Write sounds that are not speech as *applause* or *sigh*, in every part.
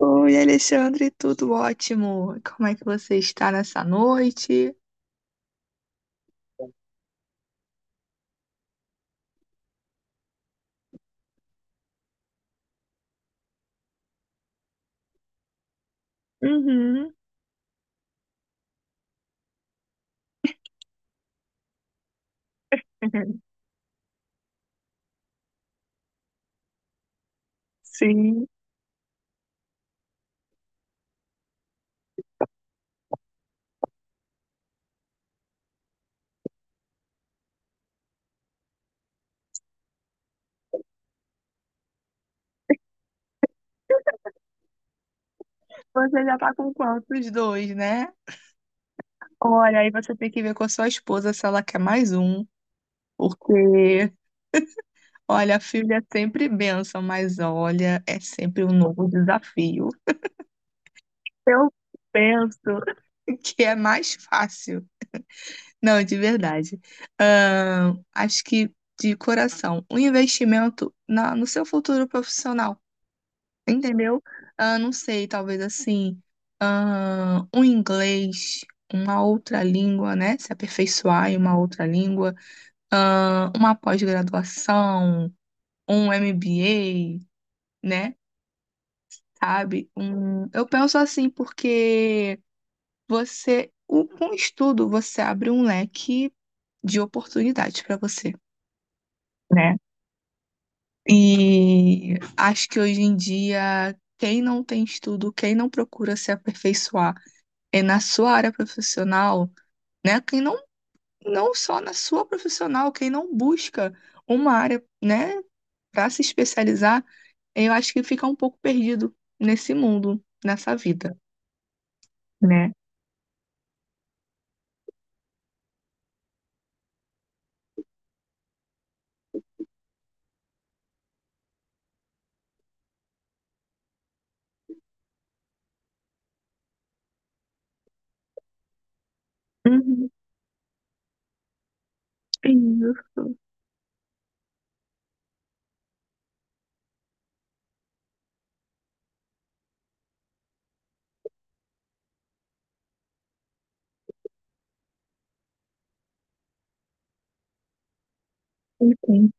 Oi, Alexandre, tudo ótimo? Como é que você está nessa noite? Uhum. *laughs* Sim. Você já tá com quantos? Dois, né? Olha, aí você tem que ver com a sua esposa se ela quer mais um, porque, olha, filho é sempre bênção, mas olha, é sempre um novo desafio. Eu penso *laughs* que é mais fácil. Não, de verdade. Acho que, de coração, um investimento no seu futuro profissional. Entendeu? Ah, não sei, talvez assim, ah, um inglês, uma outra língua, né? Se aperfeiçoar em uma outra língua, ah, uma pós-graduação, um MBA, né? Sabe? Um, eu penso assim porque com o estudo, você abre um leque de oportunidades para você, né? E acho que hoje em dia, quem não tem estudo, quem não procura se aperfeiçoar, é na sua área profissional, né? Quem não, não só na sua profissional, quem não busca uma área, né, para se especializar, eu acho que fica um pouco perdido nesse mundo, nessa vida, né? Uhum, isso, enfim.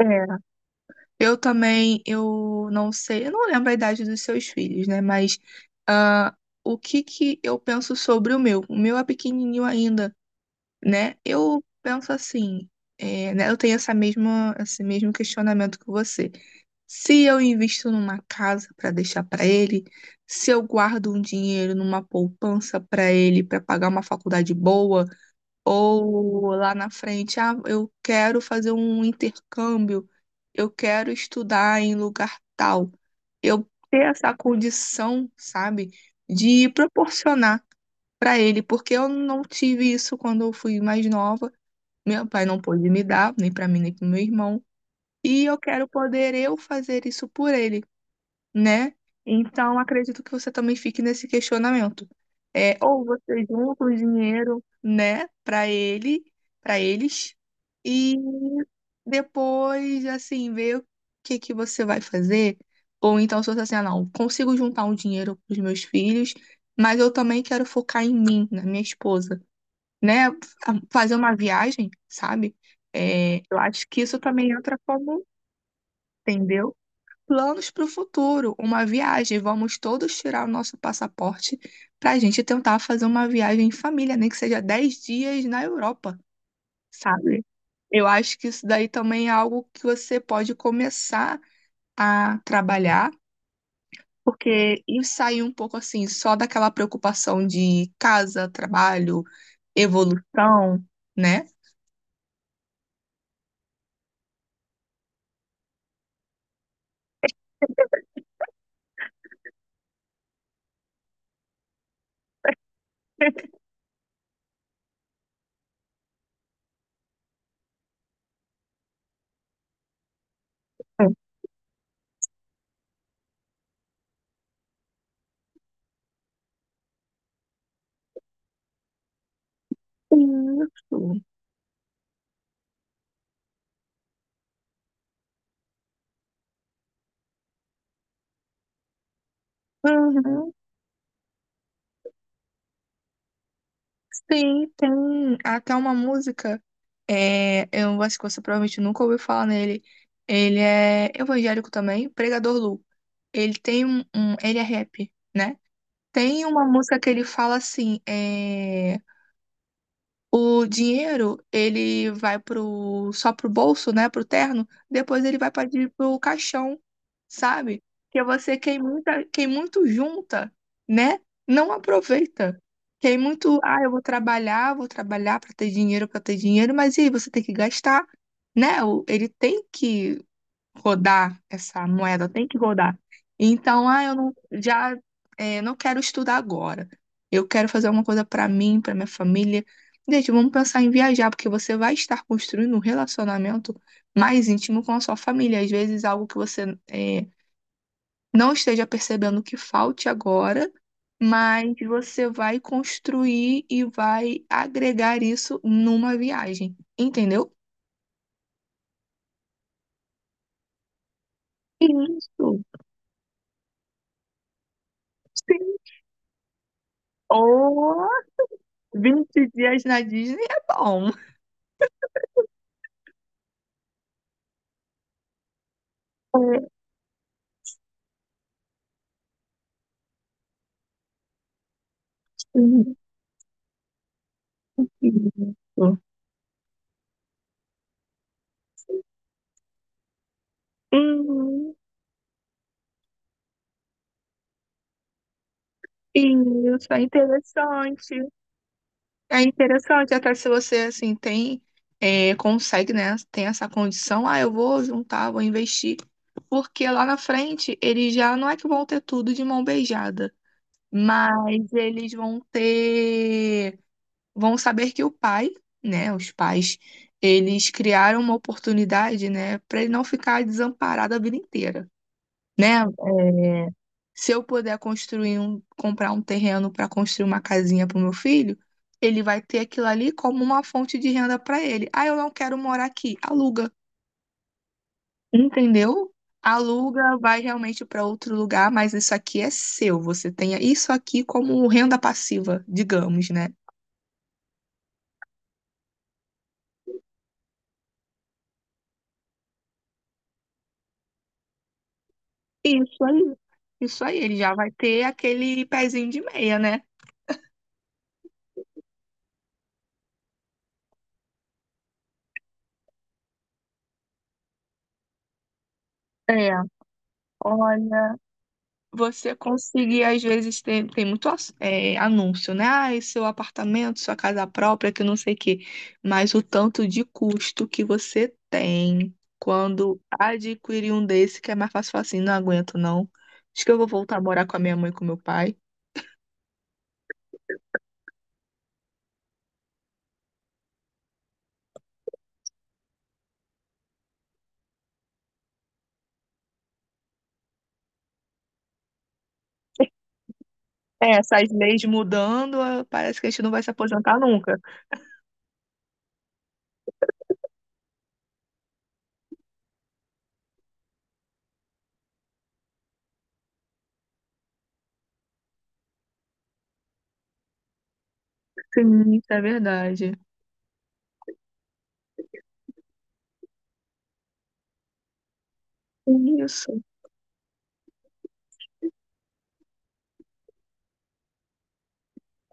É. Eu também, eu não sei, eu não lembro a idade dos seus filhos, né? Mas ah, o que que eu penso sobre o meu? O meu é pequenininho ainda. Né? Eu penso assim, é, né? Eu tenho esse mesmo questionamento que você. Se eu invisto numa casa para deixar para ele, se eu guardo um dinheiro numa poupança para ele para pagar uma faculdade boa, ou lá na frente, ah, eu quero fazer um intercâmbio, eu quero estudar em lugar tal. Eu ter essa condição, sabe, de proporcionar para ele, porque eu não tive isso quando eu fui mais nova. Meu pai não pôde me dar, nem para mim, nem para meu irmão, e eu quero poder eu fazer isso por ele, né? Então, acredito que você também fique nesse questionamento. É, ou você junta o dinheiro, né, para ele, para eles, e depois, assim, ver o que que você vai fazer. Ou então, se você assim, ah, não, consigo juntar um dinheiro para os meus filhos, mas eu também quero focar em mim, na minha esposa né, fazer uma viagem, sabe? É, eu acho que isso também entra como, entendeu? Planos para o futuro, uma viagem. Vamos todos tirar o nosso passaporte para a gente tentar fazer uma viagem em família, nem que seja 10 dias na Europa, sabe? Eu acho que isso daí também é algo que você pode começar a trabalhar, porque e sair um pouco assim, só daquela preocupação de casa, trabalho, evolução, né? Isso. Uhum. Sim, tem até uma música. É, eu acho que você provavelmente nunca ouviu falar nele. Ele é evangélico também, Pregador Lu. Ele tem ele é rap, né? Tem uma música que ele fala assim, é, o dinheiro, ele vai pro, só pro bolso, né, pro terno, depois ele vai para pro caixão, sabe? Porque quem muito junta, né, não aproveita. Quem muito, ah, eu vou trabalhar para ter dinheiro, mas e aí você tem que gastar, né? Ele tem que rodar essa moeda, tem que rodar. Então, ah, eu não, já é, não quero estudar agora. Eu quero fazer alguma coisa para mim, para minha família. Gente, vamos pensar em viajar, porque você vai estar construindo um relacionamento mais íntimo com a sua família. Às vezes, algo que você é, não esteja percebendo que falte agora, mas você vai construir e vai agregar isso numa viagem, entendeu? Isso. Sim. Oh! 20 dias na Disney é bom. É, isso. Uhum. Isso, é interessante. É interessante, até se você assim tem, é, consegue, né? Tem essa condição, ah, eu vou juntar, vou investir. Porque lá na frente eles já não é que vão ter tudo de mão beijada, mas eles vão ter, vão saber que o pai, né, os pais, eles criaram uma oportunidade, né, para ele não ficar desamparado a vida inteira, né? É, se eu puder construir um, comprar um terreno para construir uma casinha para o meu filho, ele vai ter aquilo ali como uma fonte de renda para ele. Ah, eu não quero morar aqui, aluga, entendeu? Aluga, vai realmente para outro lugar, mas isso aqui é seu. Você tem isso aqui como renda passiva, digamos, né? Isso aí. Isso aí, ele já vai ter aquele pezinho de meia, né? É, olha, você conseguir, às vezes, tem muito anúncio, né? Ah, esse seu apartamento, sua casa própria, que não sei o quê. Mas o tanto de custo que você tem quando adquirir um desse, que é mais fácil falar assim, não aguento, não. Acho que eu vou voltar a morar com a minha mãe e com meu pai. É, essas leis mudando, ah, parece que a gente não vai se aposentar nunca. Sim, isso é verdade. Isso.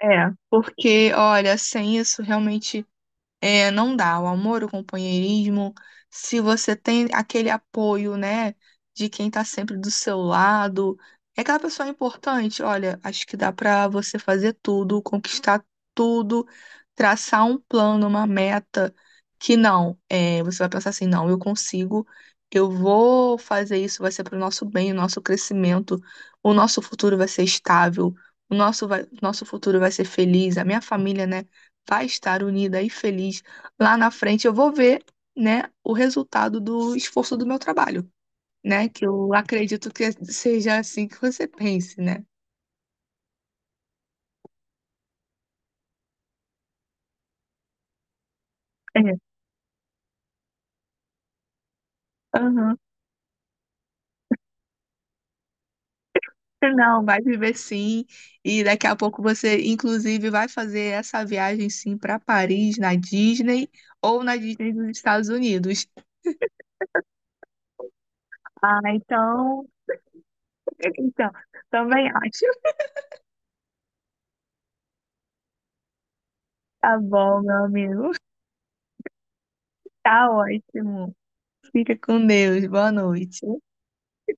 É, porque, olha, sem isso realmente é, não dá. O amor, o companheirismo, se você tem aquele apoio, né, de quem tá sempre do seu lado, é aquela pessoa importante. Olha, acho que dá pra você fazer tudo, conquistar tudo, traçar um plano, uma meta que não, é, você vai pensar assim, não, eu consigo, eu vou fazer isso, vai ser pro nosso bem, o nosso crescimento, o nosso futuro vai ser estável, o nosso futuro vai ser feliz, a minha família, né? Vai estar unida e feliz lá na frente. Eu vou ver, né, o resultado do esforço do meu trabalho, né? Que eu acredito que seja assim que você pense, né? É, aham. Não, vai viver sim. E daqui a pouco você, inclusive, vai fazer essa viagem sim para Paris, na Disney ou na Disney dos Estados Unidos. Ah, então, então, também acho. Tá bom, meu amigo. Tá ótimo. Fica com Deus. Boa noite.